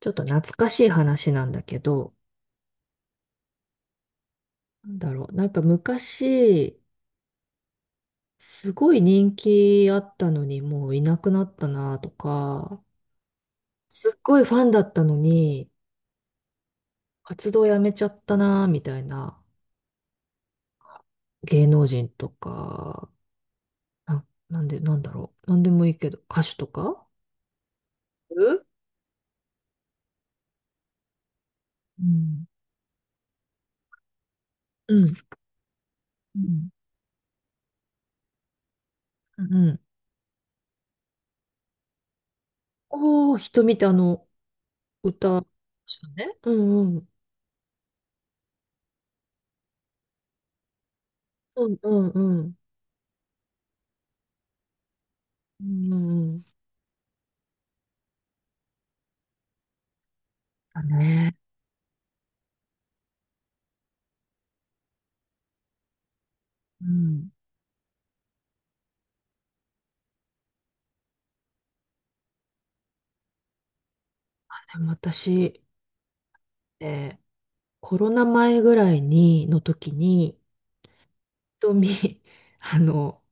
ちょっと懐かしい話なんだけど、なんだろう。なんか昔、すごい人気あったのに、もういなくなったなとか、すっごいファンだったのに、活動やめちゃったなみたいな芸能人とか、なんで、なんだろう。なんでもいいけど、歌手とか。うんうんうん。うんうん。おー、瞳って歌、ね。うんうん。うんうんうん。うんうんうん。だね。うん。でも私、えーコロナ前ぐらいに、の時に、瞳、あの、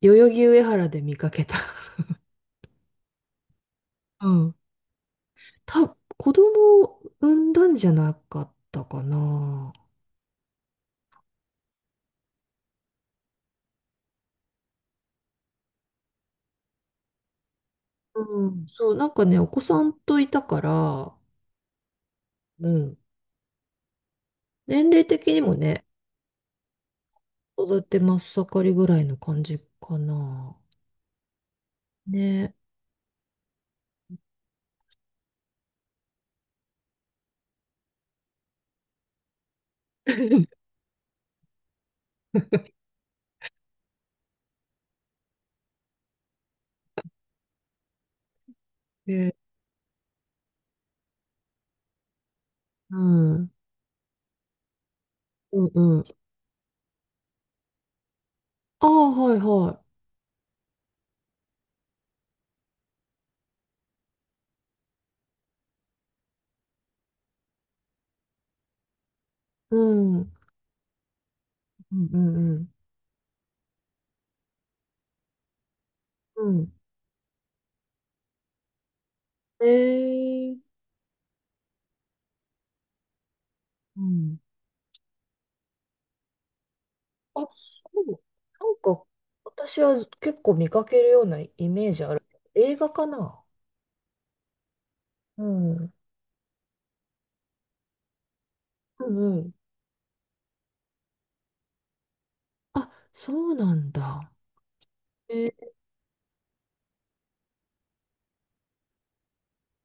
代々木上原で見かけた。うん。た、子供を産んだんじゃなかったかな。うん、そう、なんかね、お子さんといたから、うん。年齢的にもね、育て真っ盛りぐらいの感じかな。ね。ね。うんうんうん。ああはいはいうん。うんうんうんうんえ。うん。あ、そう。なんか、私は結構見かけるようなイメージある。映画かな。うん。うんうん。あ、そうなんだ。え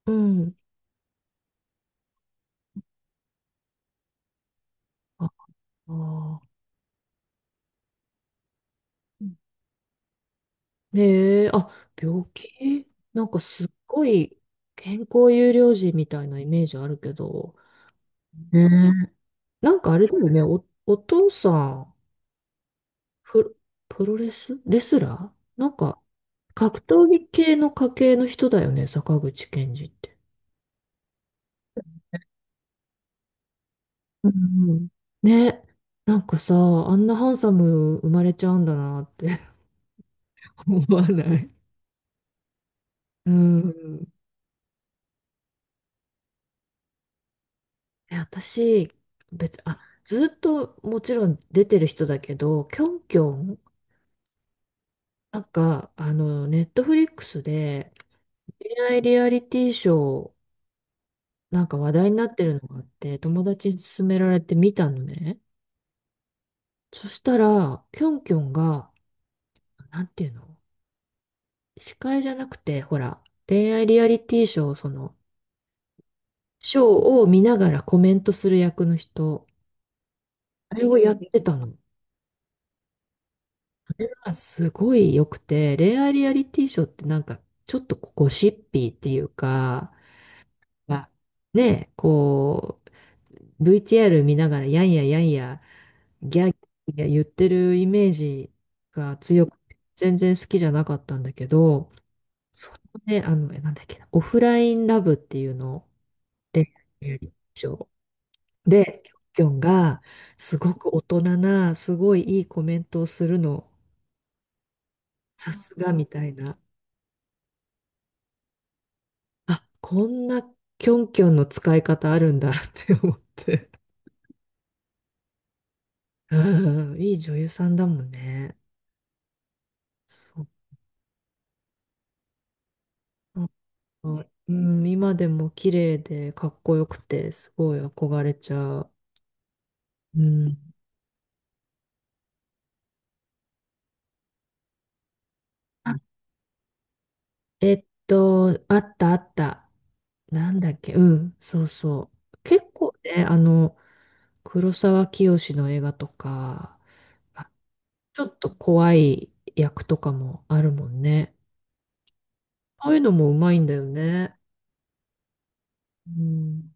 うん。ああ。ねえ、あ、病気なんかすっごい健康優良児みたいなイメージあるけど。ねえ。なんかあれだよね、お父さん、プ、プロレスレスラーなんか格闘技系の家系の人だよね、坂口健二って。うんうん。ね、なんかさ、あんなハンサム生まれちゃうんだなって 思わない？うん。え、私、ずっともちろん出てる人だけど、キョンキョン、なんか、ネットフリックスで恋愛リアリティショー、なんか話題になってるのがあって、友達に勧められて見たのね。そしたら、キョンキョンが、なんていうの、司会じゃなくて、ほら、恋愛リアリティショー、ショーを見ながらコメントする役の人、あれをやってたの。あ、すごい良くて、恋愛リアリティショーってなんかちょっとゴシッピーっていうか、まあ、ね、VTR 見ながらやんややんや、ギャーギャーギャー言ってるイメージが強くて、全然好きじゃなかったんだけど、そのね、なんだっけな、オフラインラブっていうのを、恋愛リアリティショーで、キョンキョンがすごく大人な、すごいいいコメントをするの、さすがみたいな。あ、こんなキョンキョンの使い方あるんだ って思って。うん、いい女優さんだもんね。そう。なんかうん、今でも綺麗でかっこよくて、すごい憧れちゃう。うん。あ、あったあった。なんだっけ、うん、そうそう。結構ね、黒沢清の映画とか、あ、ちょっと怖い役とかもあるもんね。ああいうのもうまいんだよね。うん。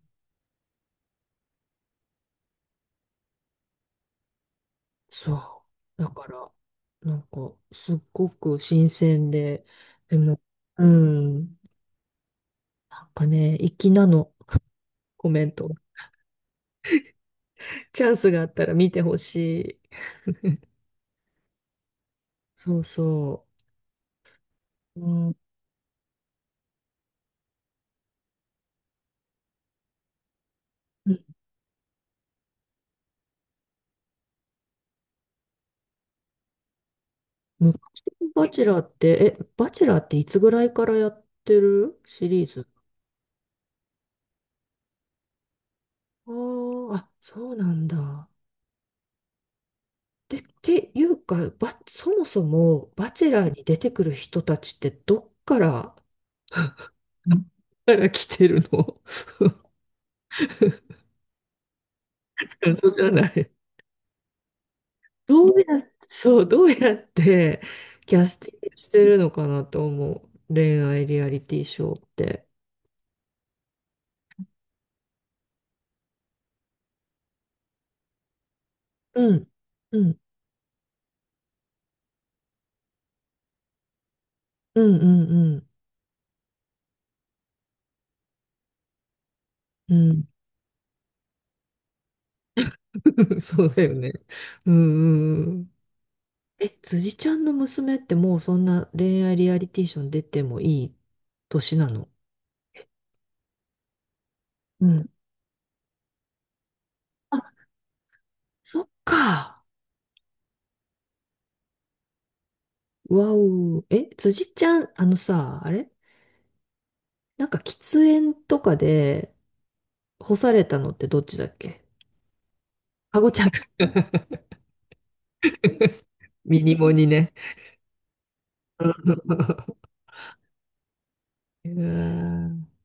そう。だから、なんか、すっごく新鮮で、でも、うん、なんかね、粋なの、コメント。チャンスがあったら見てほしい。そうそう。うん。うん。昔のバチェラーって、え、バチェラーっていつぐらいからやってるシリーズ？あーあ、そうなんだ。で、っていうか、そもそも、バチェラーに出てくる人たちって、どっから来てるの？ 謎じゃない？どうや、そう、どうやってキャスティングしてるのかなと思う。恋愛リアリティショーって。うん、うん、うん、うん、うん。うん。 そうだよね。うん、うん。え、辻ちゃんの娘ってもうそんな恋愛リアリティショー出てもいい年なの？うん。あ、そっか。わお。え、辻ちゃん、あのさ、あれなんか喫煙とかで干されたのってどっちだっけ？かごちゃんか。ミニモにね。うわー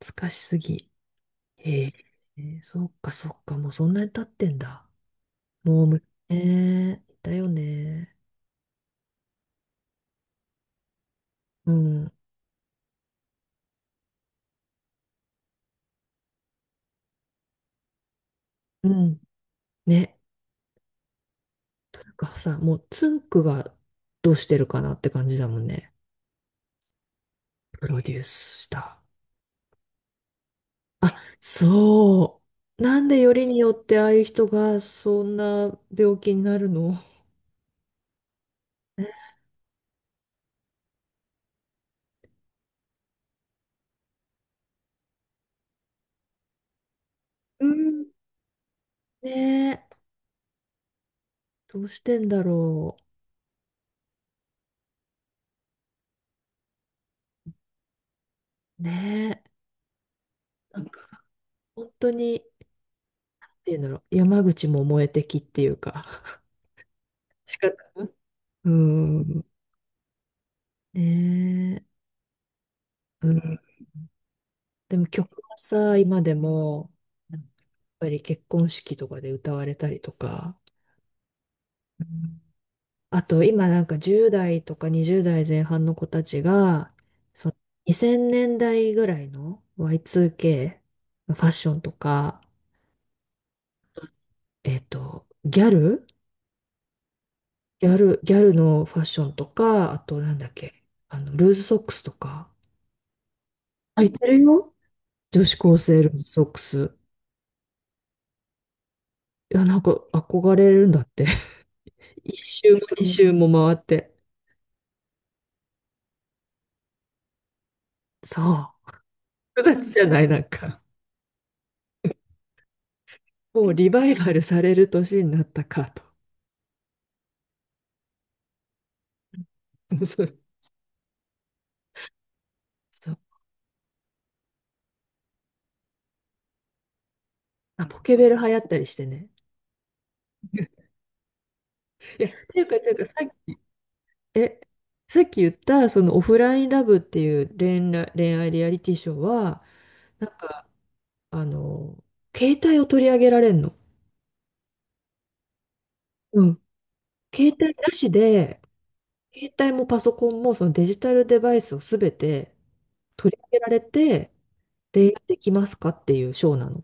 懐かしすぎ。へえ、ー、そっかそっか、もうそんなに経ってんだ。もういたよね。うん。うん。ね。がさ、もうつんくがどうしてるかなって感じだもんね。プロデュースした。あ、そう。なんでよりによってああいう人がそんな病気になるの？うん。ねえ、どうしてんだろう。ねえ、なんか本当に、っていうんだろう、山口も燃えてきっていうか、仕方ない。うん、ねえ、うん。でも曲はさ、今でも、やっぱり結婚式とかで歌われたりとか、うん。あと今なんか10代とか20代前半の子たちが、その2000年代ぐらいの Y2K のファッションとか、えっと、ギャルギャルのファッションとか、あとなんだっけ、ルーズソックスとか、あ、いてるよ。女子高生ルーズソックス。いや、なんか憧れるんだって。一周も二周も回って。そ9月じゃない、なんか。もうリバイバルされる年になったかと。そう。う。そう。あ、ポケベル流行ったりしてね。いや、ていうか、え、さっき言った、そのオフラインラブっていう恋愛リアリティショーは、なんか、あの、携帯を取り上げられんの。うん。携帯なしで、携帯もパソコンもそのデジタルデバイスをすべて取り上げられて、恋愛できますかっていうショーなの。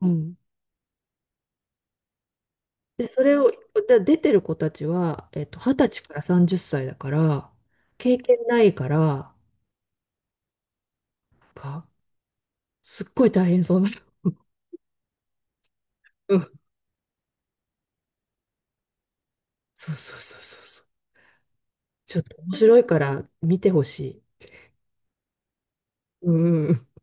うん。で、それを、で出てる子たちは、二十歳から30歳だから、経験ないから、か、すっごい大変そうなの。うん。そうそうそうそうそう。ちょっと面白いから見てほしい。うん。